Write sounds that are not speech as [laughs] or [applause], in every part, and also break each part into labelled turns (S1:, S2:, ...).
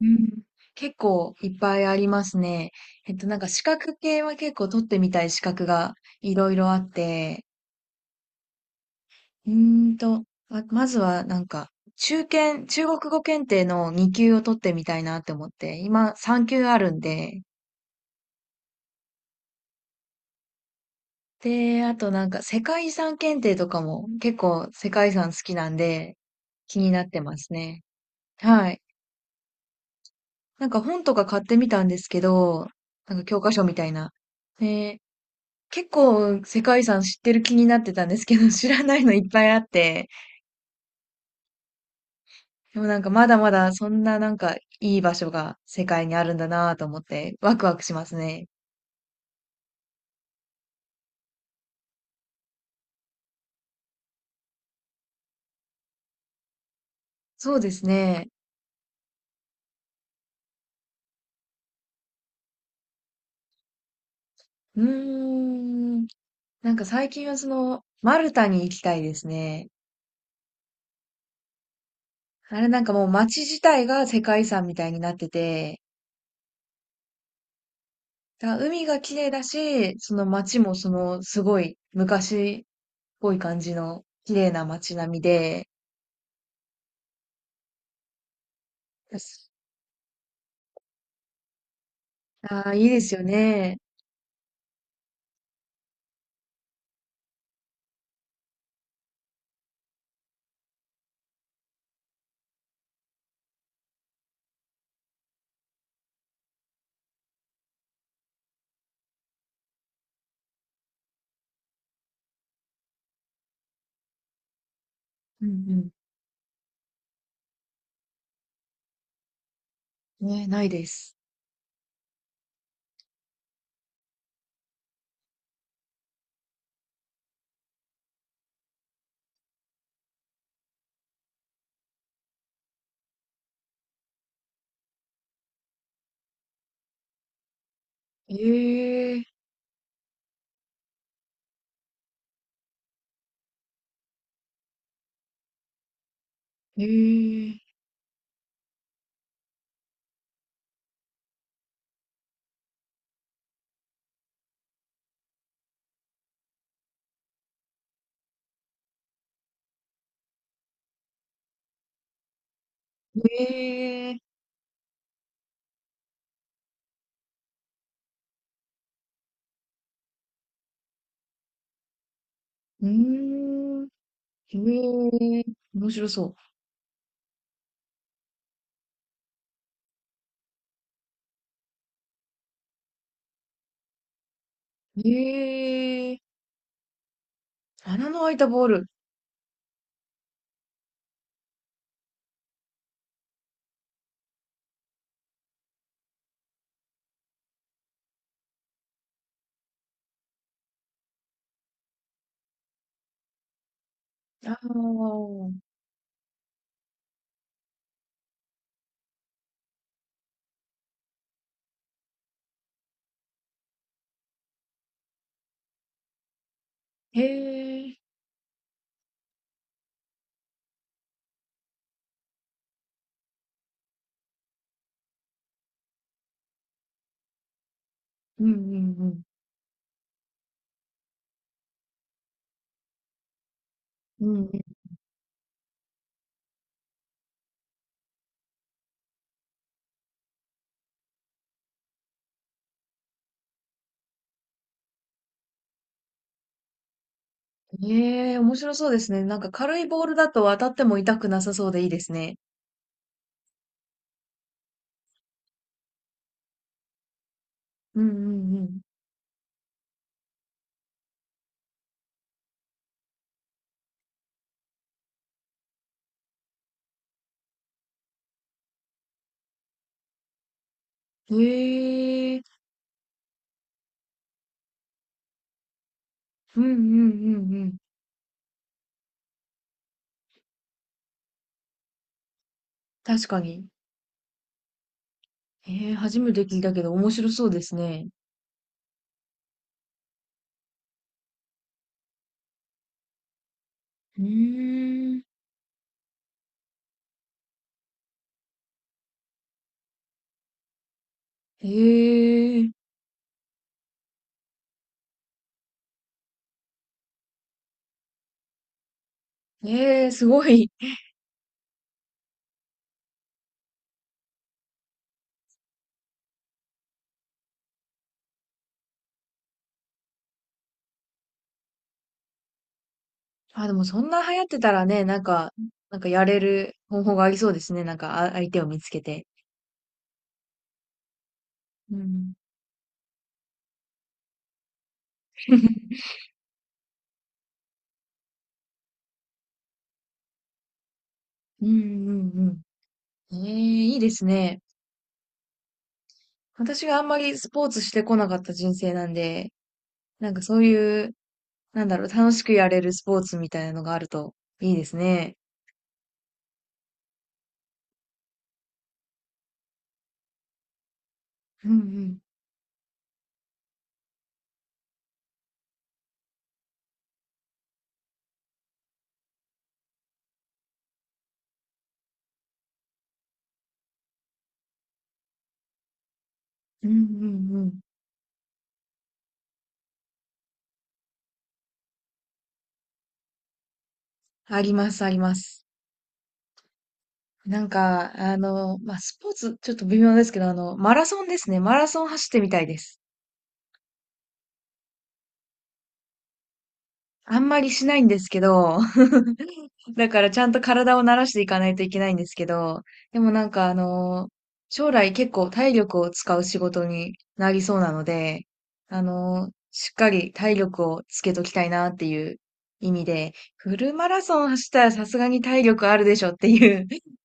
S1: うん、結構いっぱいありますね。なんか資格系は結構取ってみたい資格がいろいろあって、うーまずはなんか、中国語検定の2級を取ってみたいなって思って、今3級あるんで、で、あとなんか世界遺産検定とかも結構世界遺産好きなんで気になってますね。はい。なんか本とか買ってみたんですけど、なんか教科書みたいな。結構世界遺産知ってる気になってたんですけど、[laughs] 知らないのいっぱいあって、でもなんかまだまだそんななんかいい場所が世界にあるんだなぁと思ってワクワクしますね。そうですね。うーん。なんか最近はその、マルタに行きたいですね。あれなんかもう街自体が世界遺産みたいになってて、だから海が綺麗だし、その街もそのすごい昔っぽい感じの綺麗な街並みで、ああ、いいですよね。うんうん。ね、ないです。ええ、ええ、ええ、うーん、ええ、面白そう。ええ、穴の開いたボール。ああ、へえ、うんうんうん。うんうん。ええ、面白そうですね。なんか軽いボールだと当たっても痛くなさそうでいいですね。うんうんうん。ええ、うんうんうんうん。確かに。ええ、初めて聞いたけど面白そうですね。うーん。へえ、ええ、すごい。[laughs] あ、でもそんな流行ってたらね、なんかやれる方法がありそうですね。なんか、あ、相手を見つけて。うん。[laughs] うんうんうん。ええ、いいですね。私があんまりスポーツしてこなかった人生なんで、なんかそういう、なんだろう、楽しくやれるスポーツみたいなのがあるといいですね。うんうん。うんうんうん。あります、あります。なんか、あの、まあ、スポーツ、ちょっと微妙ですけど、あの、マラソンですね。マラソン走ってみたいです。あんまりしないんですけど、[laughs] だからちゃんと体を慣らしていかないといけないんですけど、でもなんかあの、将来結構体力を使う仕事になりそうなので、あの、しっかり体力をつけときたいなっていう意味で、フルマラソン走ったらさすがに体力あるでしょっていう、[laughs]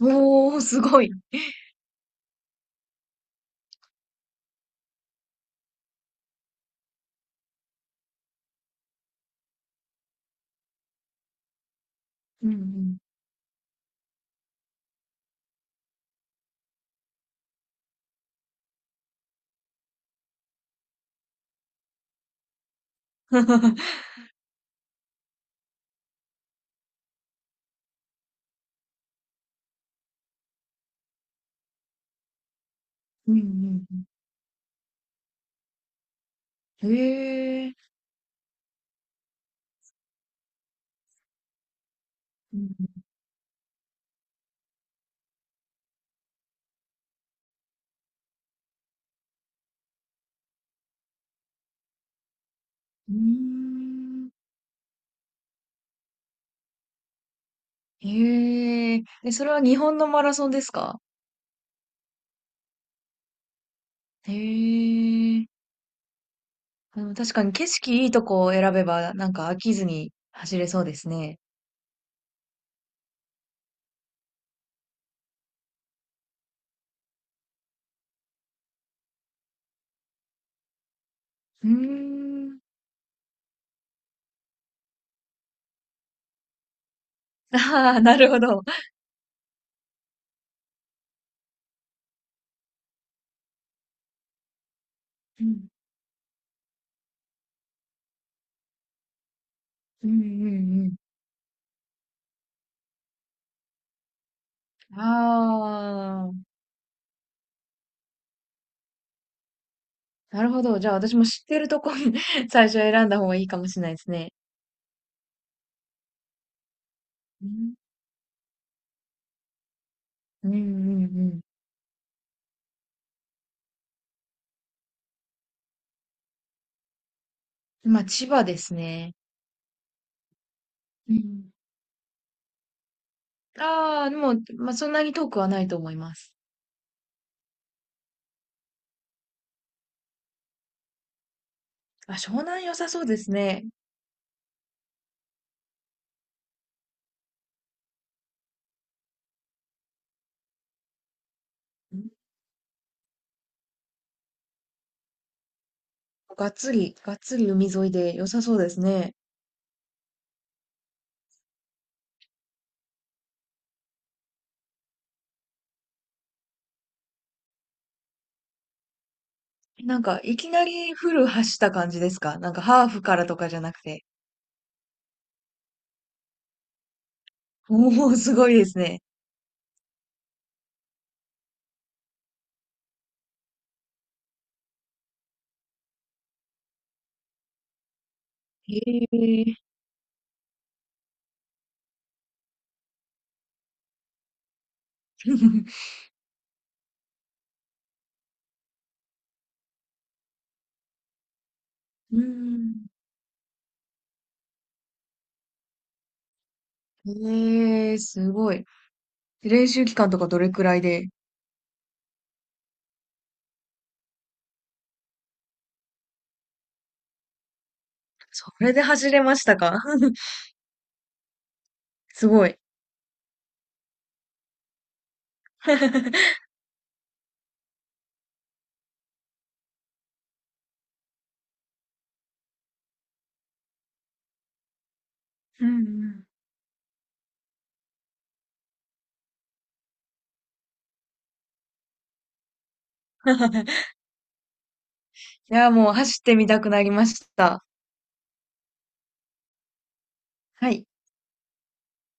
S1: おー、すごい。うんうん。[laughs] うんうんへえ。うん。うーん。へえ。え、それは日本のマラソンですか？へえ。あの、確かに景色いいとこを選べば、なんか飽きずに走れそうですね。うーん。[laughs] ああ、なるほど。うん。うんうんうん。ああ、なるほど。じゃあ私も知ってるとこ [laughs] 最初選んだ方がいいかもしれないですね。うん。うんうんうん。まあ、千葉ですね。うん。ああ、でも、まあ、そんなに遠くはないと思います。あ、湘南良さそうですね。うん、がっつり、がっつり海沿いで良さそうですね。なんか、いきなりフル走った感じですか？なんか、ハーフからとかじゃなくて。おお、すごいですね。へえ。[laughs] うん。へえ、すごい。練習期間とかどれくらいで？それで走れましたか？ [laughs] すごい。[laughs] うんうん。[laughs] いや、もう走ってみたくなりました。はい。